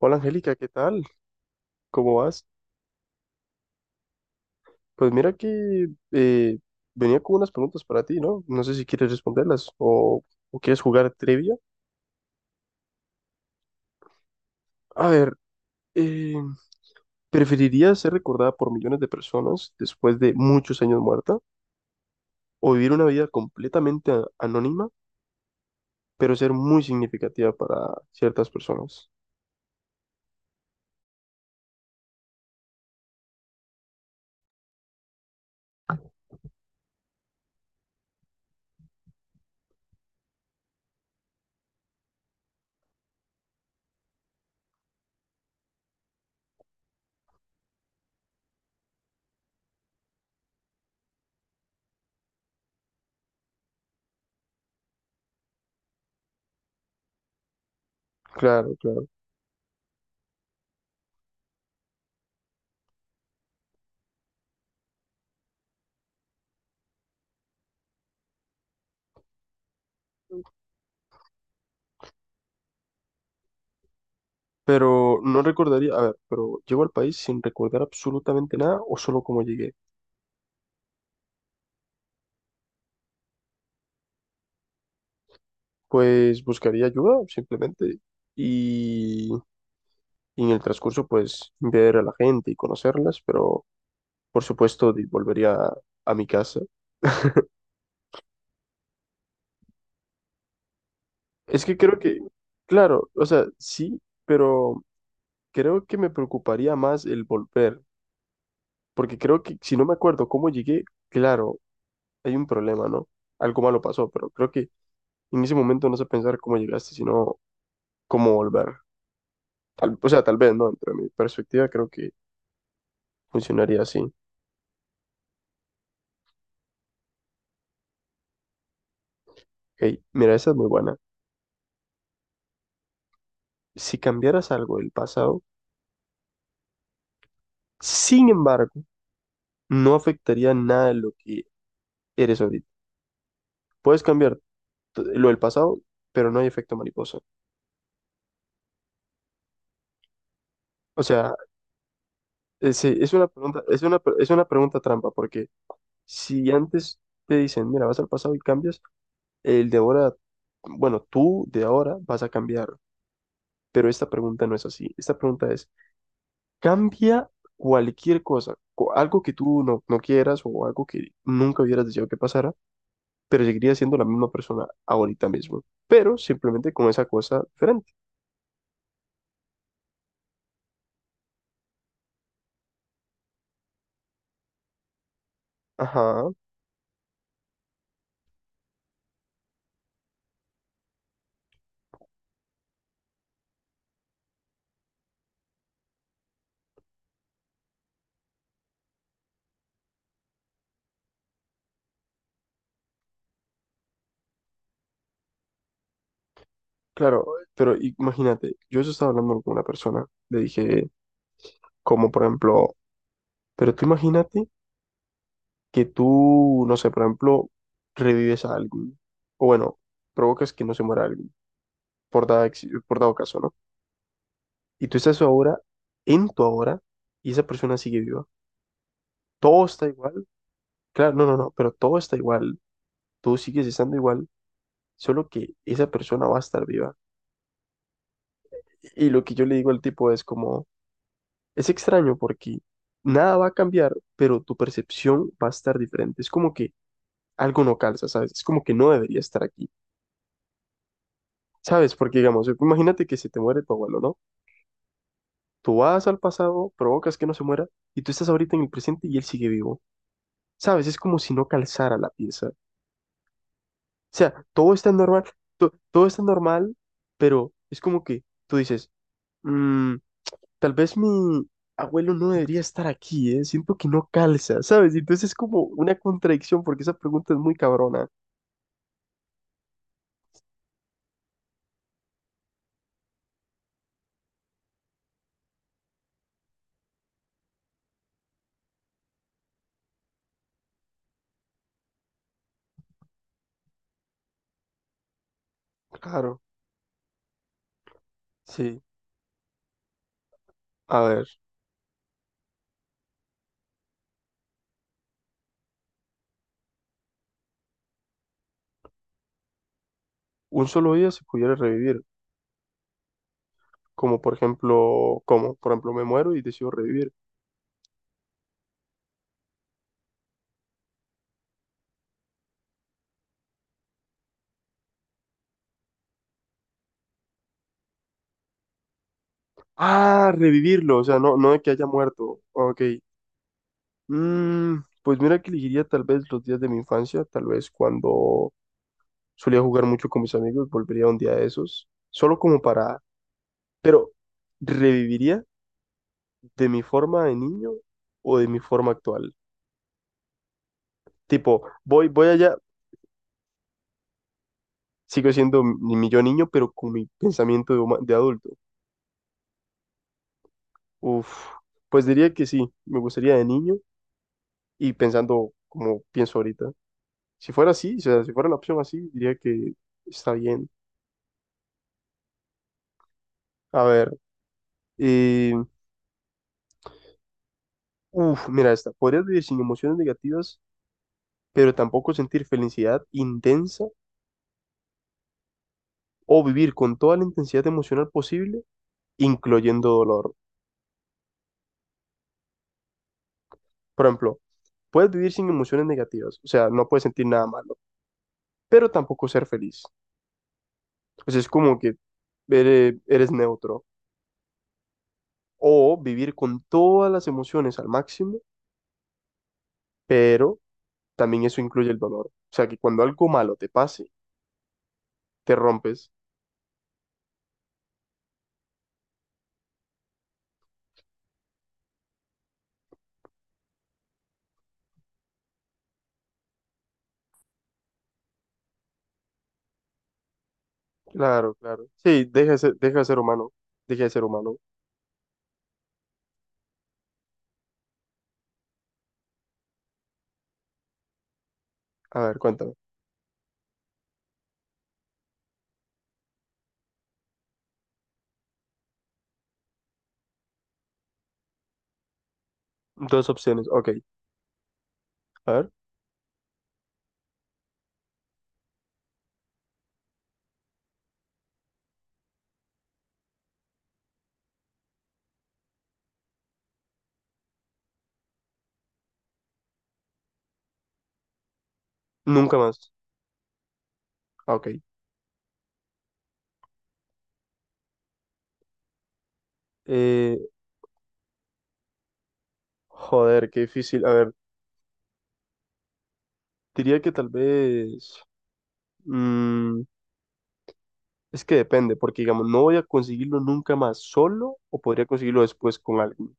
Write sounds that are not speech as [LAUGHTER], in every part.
Hola Angélica, ¿qué tal? ¿Cómo vas? Pues mira que venía con unas preguntas para ti, ¿no? No sé si quieres responderlas o quieres jugar trivia. A ver, eh, ¿preferirías ser recordada por millones de personas después de muchos años muerta o vivir una vida completamente anónima, pero ser muy significativa para ciertas personas? Claro, claro. Pero no recordaría, a ver, pero llego al país sin recordar absolutamente nada o solo cómo llegué. Pues buscaría ayuda simplemente y, y en el transcurso pues ver a la gente y conocerlas, pero por supuesto volvería a mi casa. Es que creo que, claro, o sea, sí, pero creo que me preocuparía más el volver, porque creo que si no me acuerdo cómo llegué, claro, hay un problema, ¿no? Algo malo pasó, pero creo que en ese momento no sé pensar cómo llegaste, sino cómo volver. O sea, tal vez, ¿no? Dentro de mi perspectiva creo que funcionaría así. Hey, mira, esa es muy buena. Si cambiaras algo del pasado, sin embargo, no afectaría nada de lo que eres ahorita. Puedes cambiar lo del pasado, pero no hay efecto mariposa. O sea, es una pregunta, es una pregunta trampa, porque si antes te dicen, mira, vas al pasado y cambias, el de ahora, bueno, tú de ahora vas a cambiar, pero esta pregunta no es así. Esta pregunta es, cambia cualquier cosa, algo que tú no quieras o algo que nunca hubieras deseado que pasara, pero seguiría siendo la misma persona ahorita mismo, pero simplemente con esa cosa diferente. Ajá, claro, pero imagínate, yo eso estaba hablando con una persona, le dije, como por ejemplo, pero tú imagínate que tú, no sé, por ejemplo, revives a alguien, o bueno, provocas que no se muera alguien, por dado, por dado caso, ¿no? Y tú estás ahora, en tu ahora, y esa persona sigue viva. Todo está igual, claro, no, no, no, pero todo está igual, tú sigues estando igual, solo que esa persona va a estar viva. Y lo que yo le digo al tipo es como, es extraño porque nada va a cambiar, pero tu percepción va a estar diferente. Es como que algo no calza, ¿sabes? Es como que no debería estar aquí, ¿sabes? Porque digamos, imagínate que se te muere tu abuelo, ¿no? Tú vas al pasado, provocas que no se muera y tú estás ahorita en el presente y él sigue vivo, ¿sabes? Es como si no calzara la pieza. O sea, todo está normal, todo está normal, pero es como que tú dices, "Mm, tal vez mi abuelo no debería estar aquí, ¿eh? Siento que no calza, ¿sabes?" Y entonces es como una contradicción porque esa pregunta es muy cabrona. Claro, sí. A ver, un solo día se pudiera revivir. Como por ejemplo, ¿cómo? Por ejemplo, me muero y decido revivir. Ah, revivirlo, o sea, no de que haya muerto. Ok. Pues mira que elegiría tal vez los días de mi infancia, tal vez cuando solía jugar mucho con mis amigos, volvería un día de esos, solo como para... Pero, ¿reviviría de mi forma de niño o de mi forma actual? Tipo, voy allá, sigo siendo mi yo niño, pero con mi pensamiento de adulto. Uf, pues diría que sí, me gustaría de niño y pensando como pienso ahorita. Si fuera así, o sea, si fuera la opción así, diría que está bien. A ver, eh, uf, mira esta. Podrías vivir sin emociones negativas, pero tampoco sentir felicidad intensa o vivir con toda la intensidad emocional posible, incluyendo dolor. Por ejemplo, puedes vivir sin emociones negativas, o sea, no puedes sentir nada malo, pero tampoco ser feliz. O sea, es como que eres neutro. O vivir con todas las emociones al máximo, pero también eso incluye el dolor. O sea, que cuando algo malo te pase, te rompes. Claro, claro. Sí, deja de ser humano. Deja de ser humano. A ver, cuéntame. Dos opciones. Ok. A ver. Nunca más. Ah, ok. Eh, joder, qué difícil. A ver, diría que tal vez... mm, es que depende, porque digamos, no voy a conseguirlo nunca más solo o podría conseguirlo después con alguien.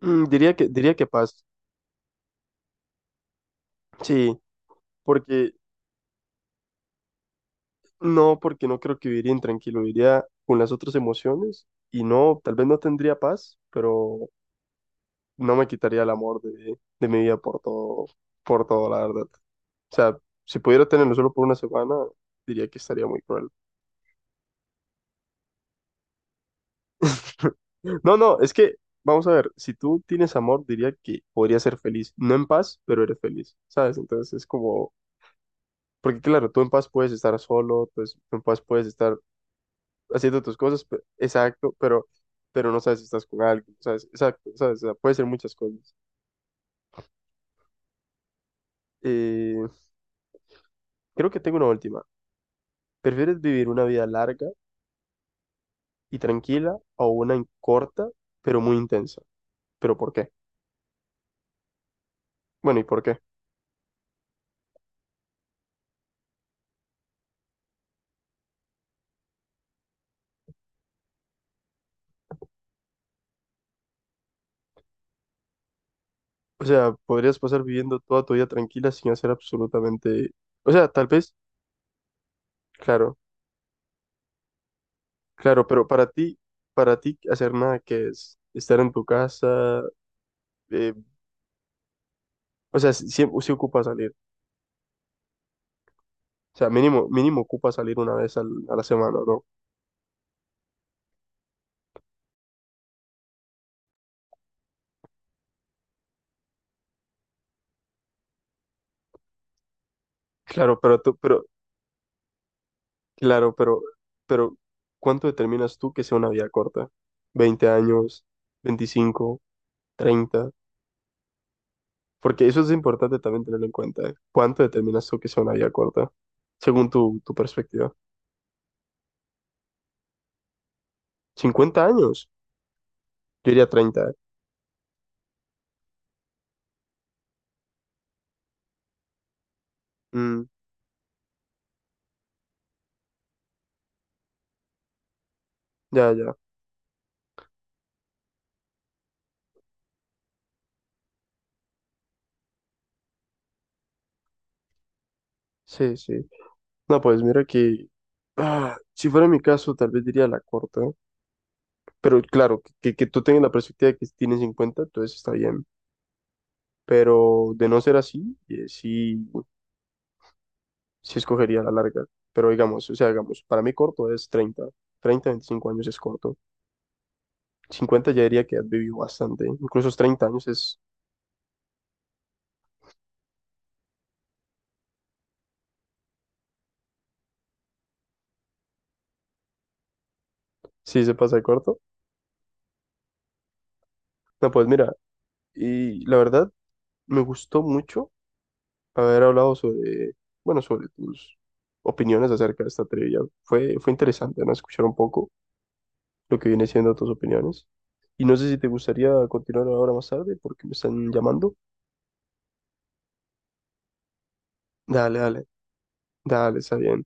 Mm, diría que paz. Sí, porque no, porque no creo que viviría intranquilo, viviría con las otras emociones y no, tal vez no tendría paz, pero no me quitaría el amor de mi vida por todo, la verdad. O sea, si pudiera tenerlo solo por una semana, diría que estaría muy cruel. [LAUGHS] No, no, vamos a ver, si tú tienes amor, diría que podrías ser feliz. No en paz, pero eres feliz, ¿sabes? Entonces es como, porque claro, tú en paz puedes estar solo, pues tú en paz puedes estar haciendo tus cosas, exacto, pero no sabes si estás con alguien, ¿sabes? Exacto, ¿sabes? O sea, puede ser muchas cosas. Eh, creo que tengo una última. ¿Prefieres vivir una vida larga y tranquila o una corta, pero muy intensa? ¿Pero por qué? Bueno, ¿y por qué? O sea, podrías pasar viviendo toda tu vida tranquila sin hacer absolutamente... O sea, tal vez, claro, claro, para ti hacer nada que es estar en tu casa, eh, o sea, si ocupa salir, o sea, mínimo, mínimo ocupa salir una vez a la semana, ¿no? Claro, pero tú, pero, claro, pero, ¿cuánto determinas tú que sea una vida corta? ¿20 años? 25, 30, porque eso es importante también tenerlo en cuenta, ¿eh? ¿Cuánto determinas tú que sea una vida corta? Según tu perspectiva. 50 años. Yo diría 30, ¿eh? Mm, ya, ya. Sí, sí. No, pues mira que... ah, si fuera mi caso, tal vez diría la corta. Pero claro, que tú tengas la perspectiva de que tienes 50 entonces está bien. Pero de no ser así, sí, sí escogería la larga. Pero digamos, o sea, digamos, para mí corto es 30 30 25 años es corto. 50 ya diría que has vivido bastante. Incluso los 30 años es, sí se pasa de corto. No, pues mira, y la verdad me gustó mucho haber hablado sobre, bueno, sobre tus opiniones acerca de esta trivia. Fue interesante, ¿no? Escuchar un poco lo que viene siendo tus opiniones. Y no sé si te gustaría continuar ahora más tarde porque me están llamando. Dale, dale, dale, está bien.